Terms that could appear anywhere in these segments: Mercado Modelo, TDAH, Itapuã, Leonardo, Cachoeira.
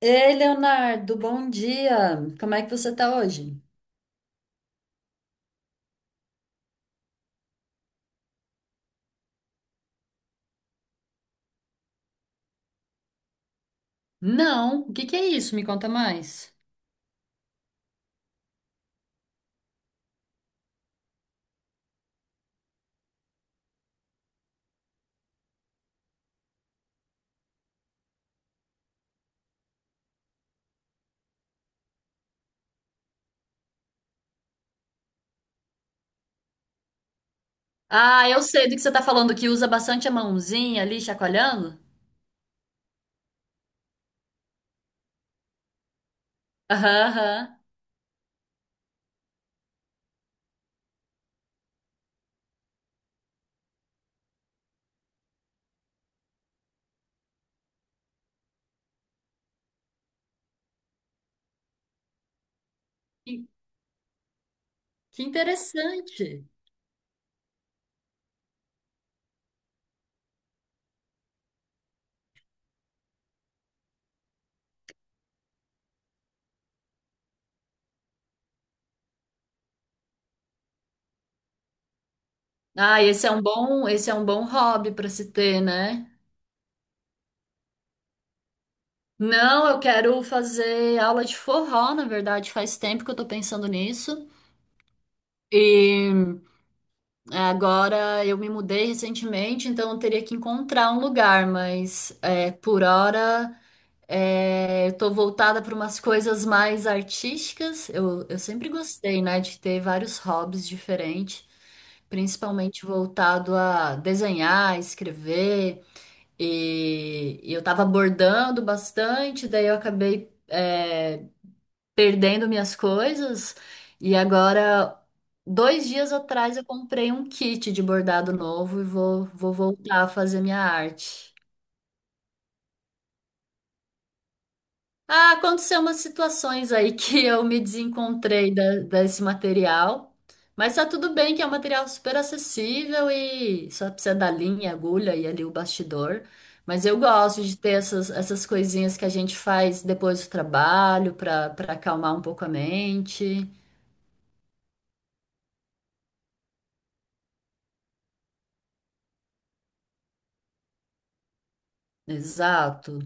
Ei, Leonardo, bom dia. Como é que você tá hoje? Não, o que que é isso? Me conta mais. Ah, eu sei do que você tá falando, que usa bastante a mãozinha ali, chacoalhando. Aham, aham. Que, que interessante. Ah, esse é um bom hobby para se ter, né? Não, eu quero fazer aula de forró, na verdade, faz tempo que eu tô pensando nisso. E agora eu me mudei recentemente, então eu teria que encontrar um lugar, mas é, por hora. É, eu tô voltada para umas coisas mais artísticas. Eu sempre gostei, né, de ter vários hobbies diferentes, principalmente voltado a desenhar, escrever. E eu tava bordando bastante, daí eu acabei, perdendo minhas coisas. E agora, dois dias atrás, eu comprei um kit de bordado novo e vou voltar a fazer minha arte. Ah, aconteceu umas situações aí que eu me desencontrei desse material, mas tá tudo bem que é um material super acessível e só precisa da linha, agulha e ali o bastidor. Mas eu gosto de ter essas coisinhas que a gente faz depois do trabalho para acalmar um pouco a mente. Exato.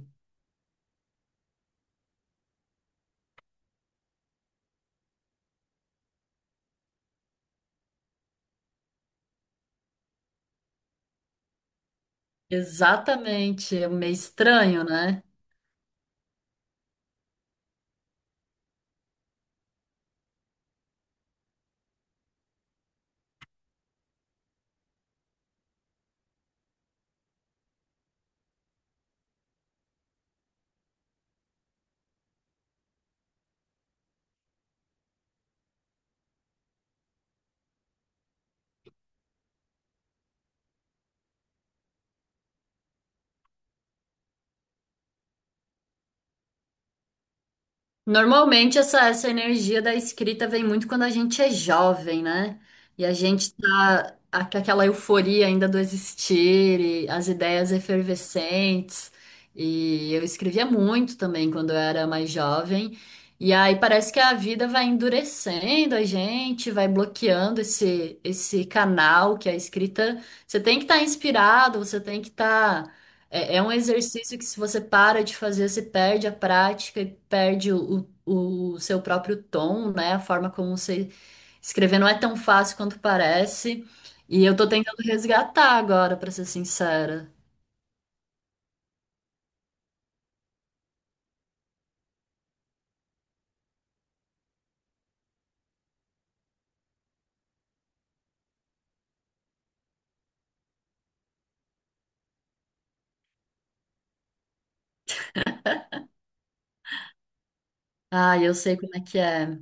Exatamente. É meio estranho, né? Normalmente essa energia da escrita vem muito quando a gente é jovem, né? E a gente com aquela euforia ainda do existir, e as ideias efervescentes. E eu escrevia muito também quando eu era mais jovem. E aí parece que a vida vai endurecendo a gente, vai bloqueando esse canal que é a escrita. Você tem que estar inspirado, você tem que estar é um exercício que, se você para de fazer, você perde a prática e perde o seu próprio tom, né? A forma como você escrever não é tão fácil quanto parece. E eu tô tentando resgatar agora, pra ser sincera. Ah, eu sei como é que é.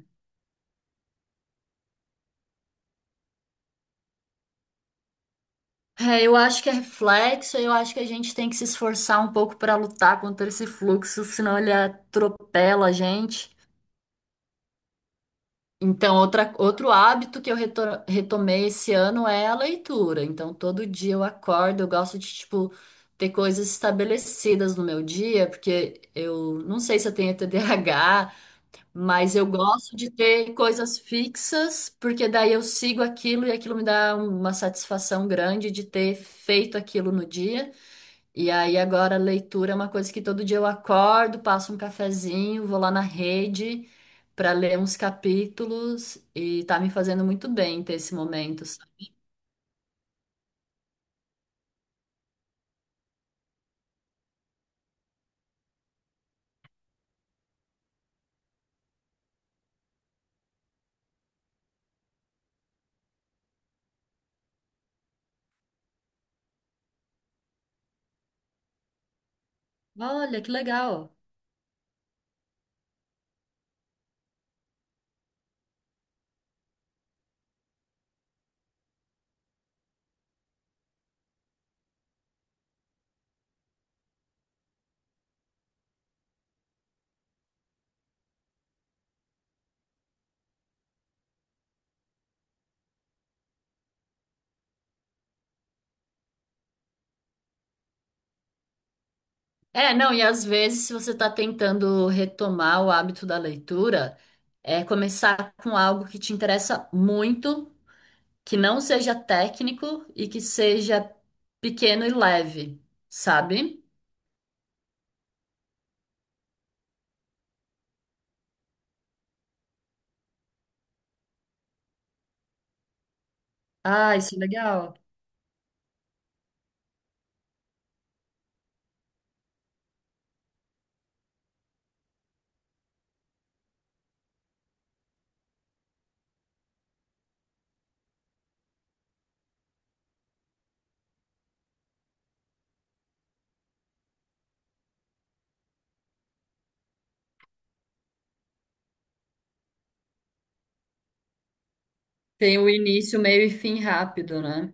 É, eu acho que é reflexo, eu acho que a gente tem que se esforçar um pouco pra lutar contra esse fluxo, senão ele atropela a gente. Então, outro hábito que eu retomei esse ano é a leitura. Então, todo dia eu acordo, eu gosto de, tipo, ter coisas estabelecidas no meu dia, porque eu não sei se eu tenho TDAH mas eu gosto de ter coisas fixas, porque daí eu sigo aquilo e aquilo me dá uma satisfação grande de ter feito aquilo no dia. E aí agora a leitura é uma coisa que todo dia eu acordo, passo um cafezinho, vou lá na rede para ler uns capítulos e tá me fazendo muito bem ter esse momento, sabe? Olha, que legal. É, não, e às vezes se você está tentando retomar o hábito da leitura, é começar com algo que te interessa muito, que não seja técnico e que seja pequeno e leve, sabe? Ah, isso é legal. Tem o início, meio e fim rápido, né?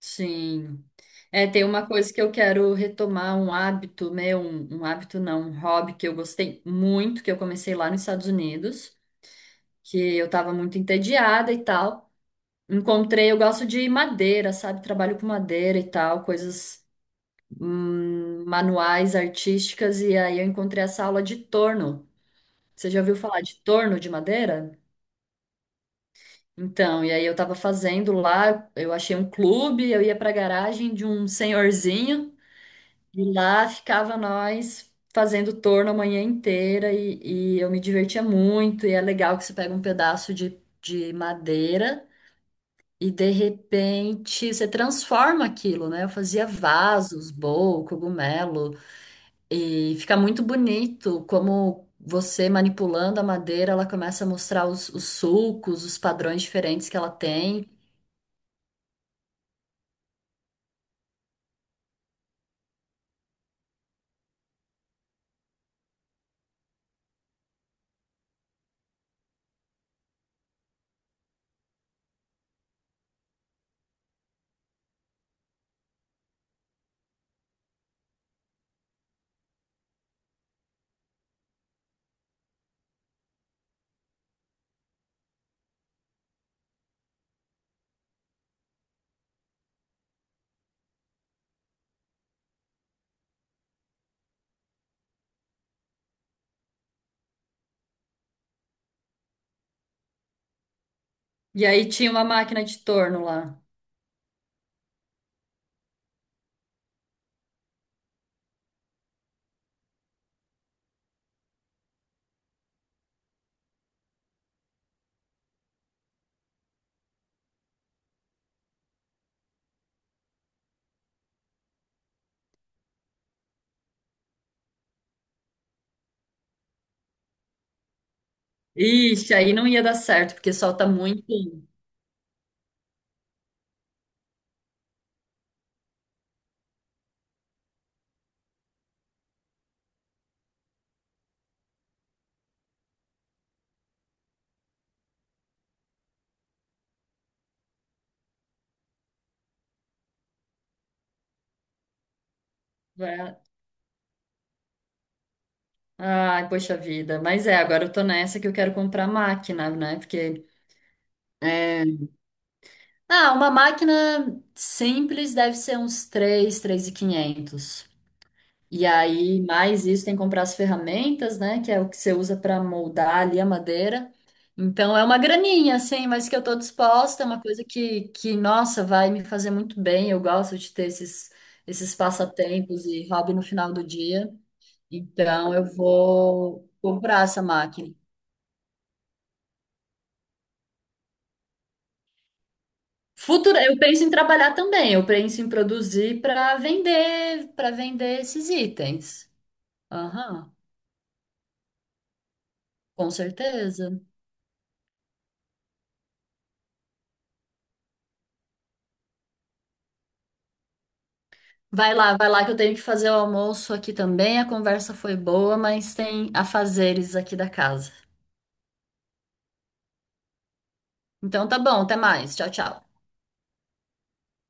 Sim. É, tem uma coisa que eu quero retomar, um hábito meu, um hábito não, um hobby que eu gostei muito, que eu comecei lá nos Estados Unidos, que eu tava muito entediada e tal. Encontrei, eu gosto de madeira, sabe? Trabalho com madeira e tal, coisas manuais, artísticas, e aí eu encontrei essa aula de torno. Você já ouviu falar de torno de madeira? Então, e aí eu tava fazendo lá, eu achei um clube, eu ia pra garagem de um senhorzinho. E lá ficava nós fazendo torno a manhã inteira e eu me divertia muito. E é legal que você pega um pedaço de madeira e de repente você transforma aquilo, né? Eu fazia vasos, bolo, cogumelo e fica muito bonito como você manipulando a madeira, ela começa a mostrar os sulcos, os padrões diferentes que ela tem. E aí tinha uma máquina de torno lá. Ixi, aí não ia dar certo, porque solta muito, né? Ai, poxa vida. Mas é, agora eu tô nessa que eu quero comprar máquina, né? Porque é, ah, uma máquina simples deve ser uns 3, 3.500. E quinhentos. E aí, mais isso, tem que comprar as ferramentas, né? Que é o que você usa para moldar ali a madeira. Então é uma graninha, assim, mas que eu tô disposta, é uma coisa que, nossa, vai me fazer muito bem. Eu gosto de ter esses, esses passatempos e hobby no final do dia. Então eu vou comprar essa máquina. Futuro, eu penso em trabalhar também, eu penso em produzir para vender esses itens. Aham, com certeza. Vai lá que eu tenho que fazer o almoço aqui também. A conversa foi boa, mas tem afazeres aqui da casa. Então tá bom, até mais. Tchau, tchau.